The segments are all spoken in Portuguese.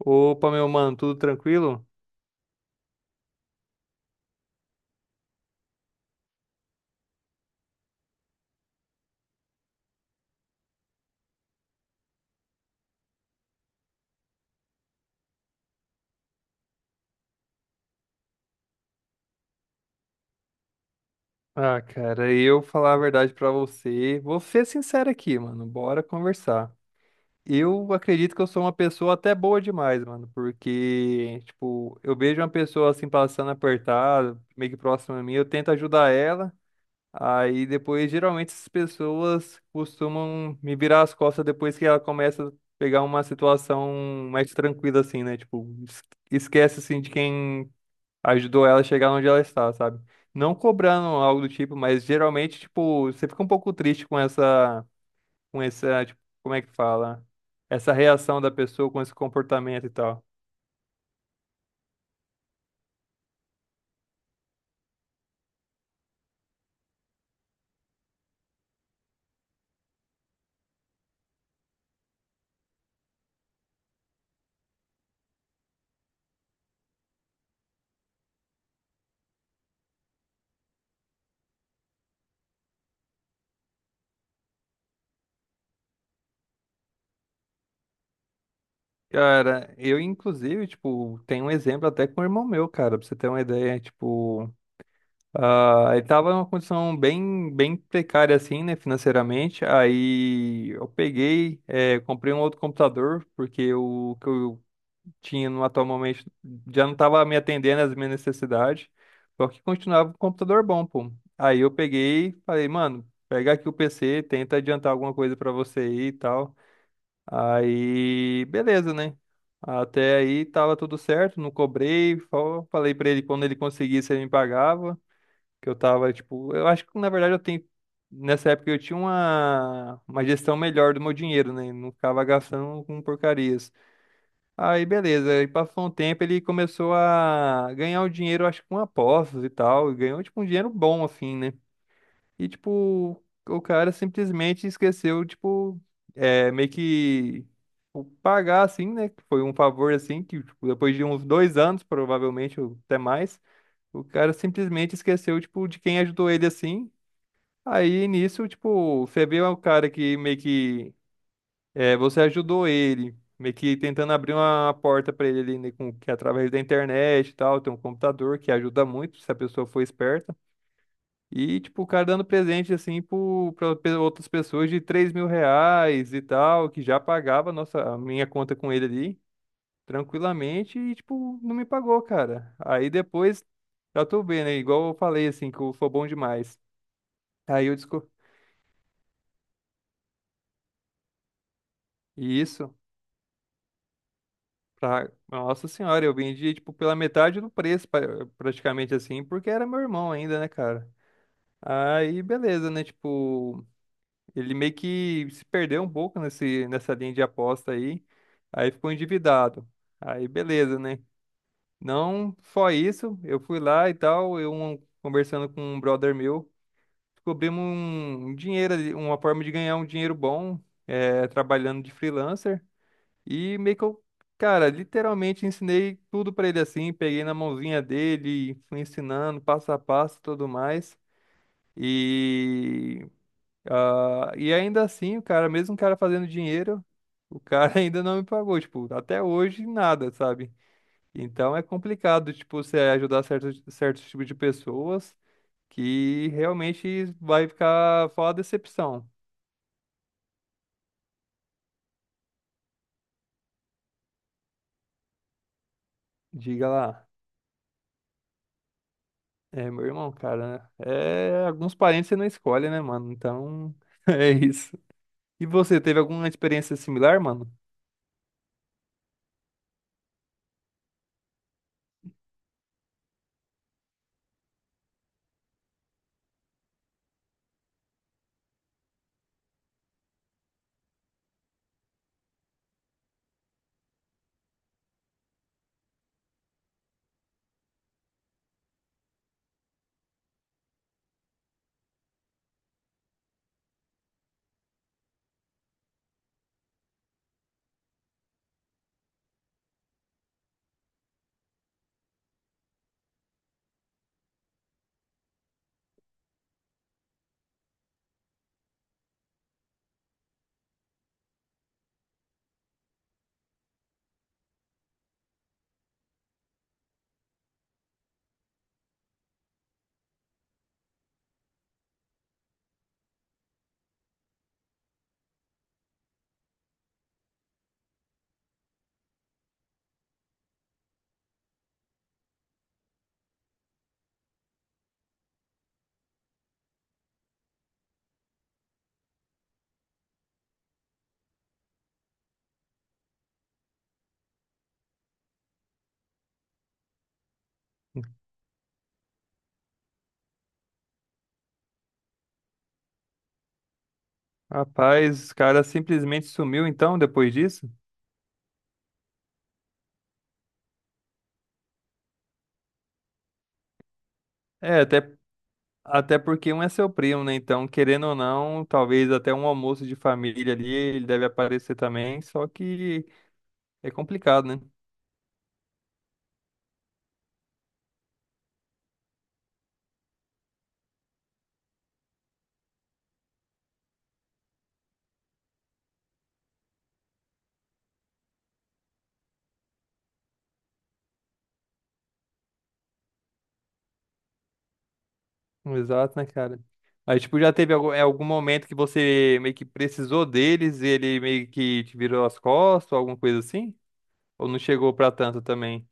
Opa, meu mano, tudo tranquilo? Ah, cara, eu falar a verdade pra você, vou ser sincero aqui, mano, bora conversar. Eu acredito que eu sou uma pessoa até boa demais, mano, porque, tipo, eu vejo uma pessoa assim passando apertada, meio que próxima a mim, eu tento ajudar ela, aí depois, geralmente, essas pessoas costumam me virar as costas depois que ela começa a pegar uma situação mais tranquila, assim, né? Tipo, esquece, assim, de quem ajudou ela a chegar onde ela está, sabe? Não cobrando algo do tipo, mas geralmente, tipo, você fica um pouco triste com essa, tipo, como é que fala? Essa reação da pessoa com esse comportamento e tal. Cara, eu inclusive, tipo, tenho um exemplo até com o irmão meu, cara, pra você ter uma ideia, tipo, ele tava numa condição bem, bem precária, assim, né, financeiramente, aí eu peguei, comprei um outro computador, porque o que eu tinha no atual momento já não estava me atendendo às minhas necessidades, só que continuava um computador bom, pô. Aí eu peguei e falei, mano, pega aqui o PC, tenta adiantar alguma coisa pra você aí e tal. Aí, beleza, né? Até aí tava tudo certo, não cobrei, só falei pra ele quando ele conseguisse ele me pagava, que eu tava tipo, eu acho que na verdade eu tenho. Nessa época eu tinha uma gestão melhor do meu dinheiro, né? Não ficava gastando com porcaria. Aí beleza, e passou um tempo, ele começou a ganhar o dinheiro, acho que com apostas e tal, e ganhou tipo um dinheiro bom assim, né? E tipo, o cara simplesmente esqueceu, tipo, meio que o pagar assim, né? Que foi um favor assim, que tipo, depois de uns 2 anos, provavelmente, ou até mais, o cara simplesmente esqueceu, tipo, de quem ajudou ele assim. Aí nisso, tipo, você vê o cara que meio que você ajudou ele, meio que tentando abrir uma porta para ele ali, né, com, que é através da internet e tal, tem um computador que ajuda muito se a pessoa for esperta. E, tipo, o cara dando presente, assim, para outras pessoas de R$ 3.000 e tal, que já pagava a nossa, a minha conta com ele ali, tranquilamente, e, tipo, não me pagou, cara. Aí depois, já tô vendo, né, igual eu falei, assim, que eu sou bom demais. Aí eu descobri. Isso. Pra... Nossa senhora, eu vendi, tipo, pela metade do preço, praticamente assim, porque era meu irmão ainda, né, cara? Aí, beleza, né? Tipo, ele meio que se perdeu um pouco nesse, nessa linha de aposta aí. Aí ficou endividado. Aí, beleza, né? Não só isso, eu fui lá e tal, conversando com um brother meu, descobrimos um dinheiro, ali, uma forma de ganhar um dinheiro bom, trabalhando de freelancer. E meio que eu, cara, literalmente ensinei tudo pra ele assim, peguei na mãozinha dele, fui ensinando passo a passo e tudo mais. E, e ainda assim, o cara, mesmo o cara fazendo dinheiro, o cara ainda não me pagou, tipo, até hoje nada, sabe? Então é complicado, tipo, você ajudar certos, certos tipos de pessoas que realmente vai ficar fora decepção. Diga lá. É, meu irmão, cara, é, alguns parentes você não escolhe, né, mano? Então, é isso. E você, teve alguma experiência similar, mano? Rapaz, os caras simplesmente sumiu então depois disso? É, até porque um é seu primo, né? Então, querendo ou não, talvez até um almoço de família ali, ele deve aparecer também, só que é complicado, né? Exato, né, cara? Aí, tipo, já teve algum, algum momento que você meio que precisou deles e ele meio que te virou as costas ou alguma coisa assim? Ou não chegou pra tanto também?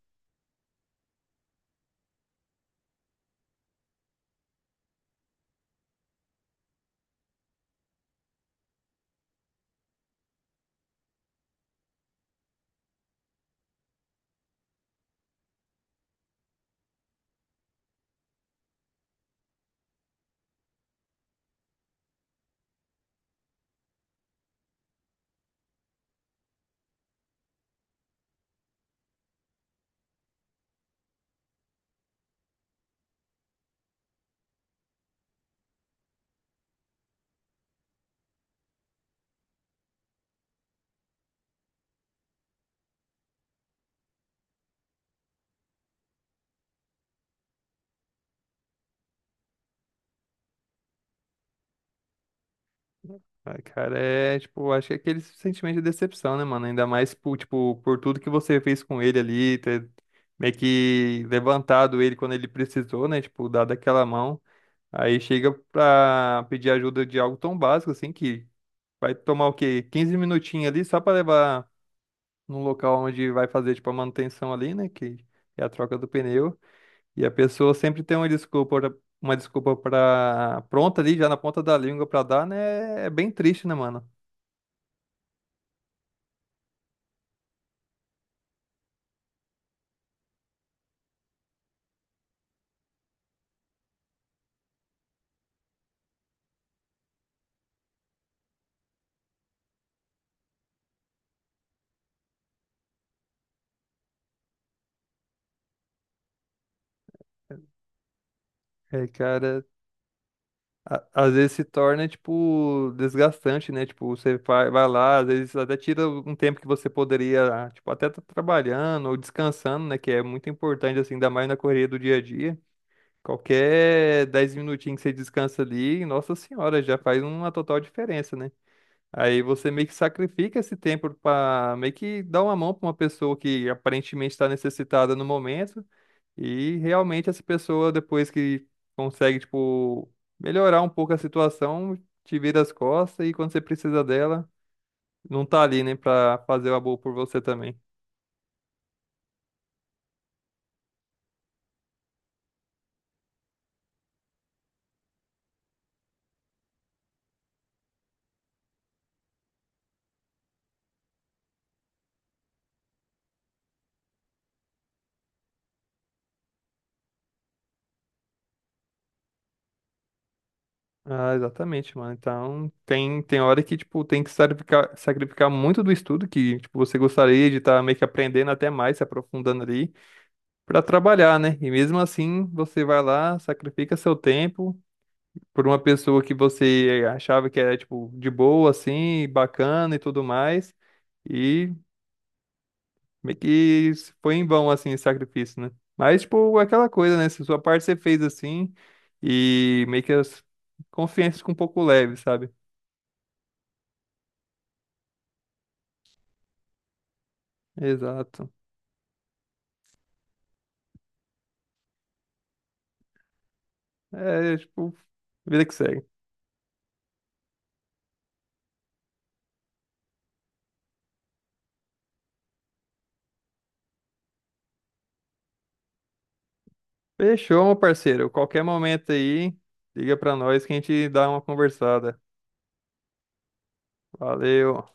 Ai, cara, é, tipo, acho que é aquele sentimento de decepção, né, mano? Ainda mais, por, tipo, por tudo que você fez com ele ali, ter meio que levantado ele quando ele precisou, né? Tipo, dado aquela mão. Aí chega pra pedir ajuda de algo tão básico, assim, que vai tomar o quê? 15 minutinhos ali só pra levar num local onde vai fazer, tipo, a manutenção ali, né? Que é a troca do pneu. E a pessoa sempre tem uma desculpa, uma desculpa pra, pronta ali, já na ponta da língua pra dar, né? É bem triste, né, mano? É, cara, às vezes se torna, tipo, desgastante, né? Tipo, você vai lá, às vezes até tira um tempo que você poderia, tipo, até tá trabalhando ou descansando, né? Que é muito importante, assim, ainda mais na correria do dia a dia. Qualquer 10 minutinhos que você descansa ali, nossa senhora, já faz uma total diferença, né? Aí você meio que sacrifica esse tempo para meio que dar uma mão para uma pessoa que aparentemente está necessitada no momento e realmente essa pessoa depois que consegue tipo melhorar um pouco a situação, te vira as costas e quando você precisa dela, não tá ali, né, para fazer o amor por você também. Ah, exatamente, mano. Então, tem hora que, tipo, tem que sacrificar, sacrificar muito do estudo que, tipo, você gostaria de estar meio que aprendendo até mais, se aprofundando ali. Para trabalhar, né? E mesmo assim, você vai lá, sacrifica seu tempo por uma pessoa que você achava que era, tipo, de boa, assim, bacana e tudo mais. E meio que foi em vão, assim, esse sacrifício, né? Mas, tipo, aquela coisa, né? Se sua parte você fez assim, e meio que as confianças ficam um pouco leve, sabe? Exato. É, tipo, vida que segue. Fechou, meu parceiro. Qualquer momento aí, liga pra nós que a gente dá uma conversada. Valeu.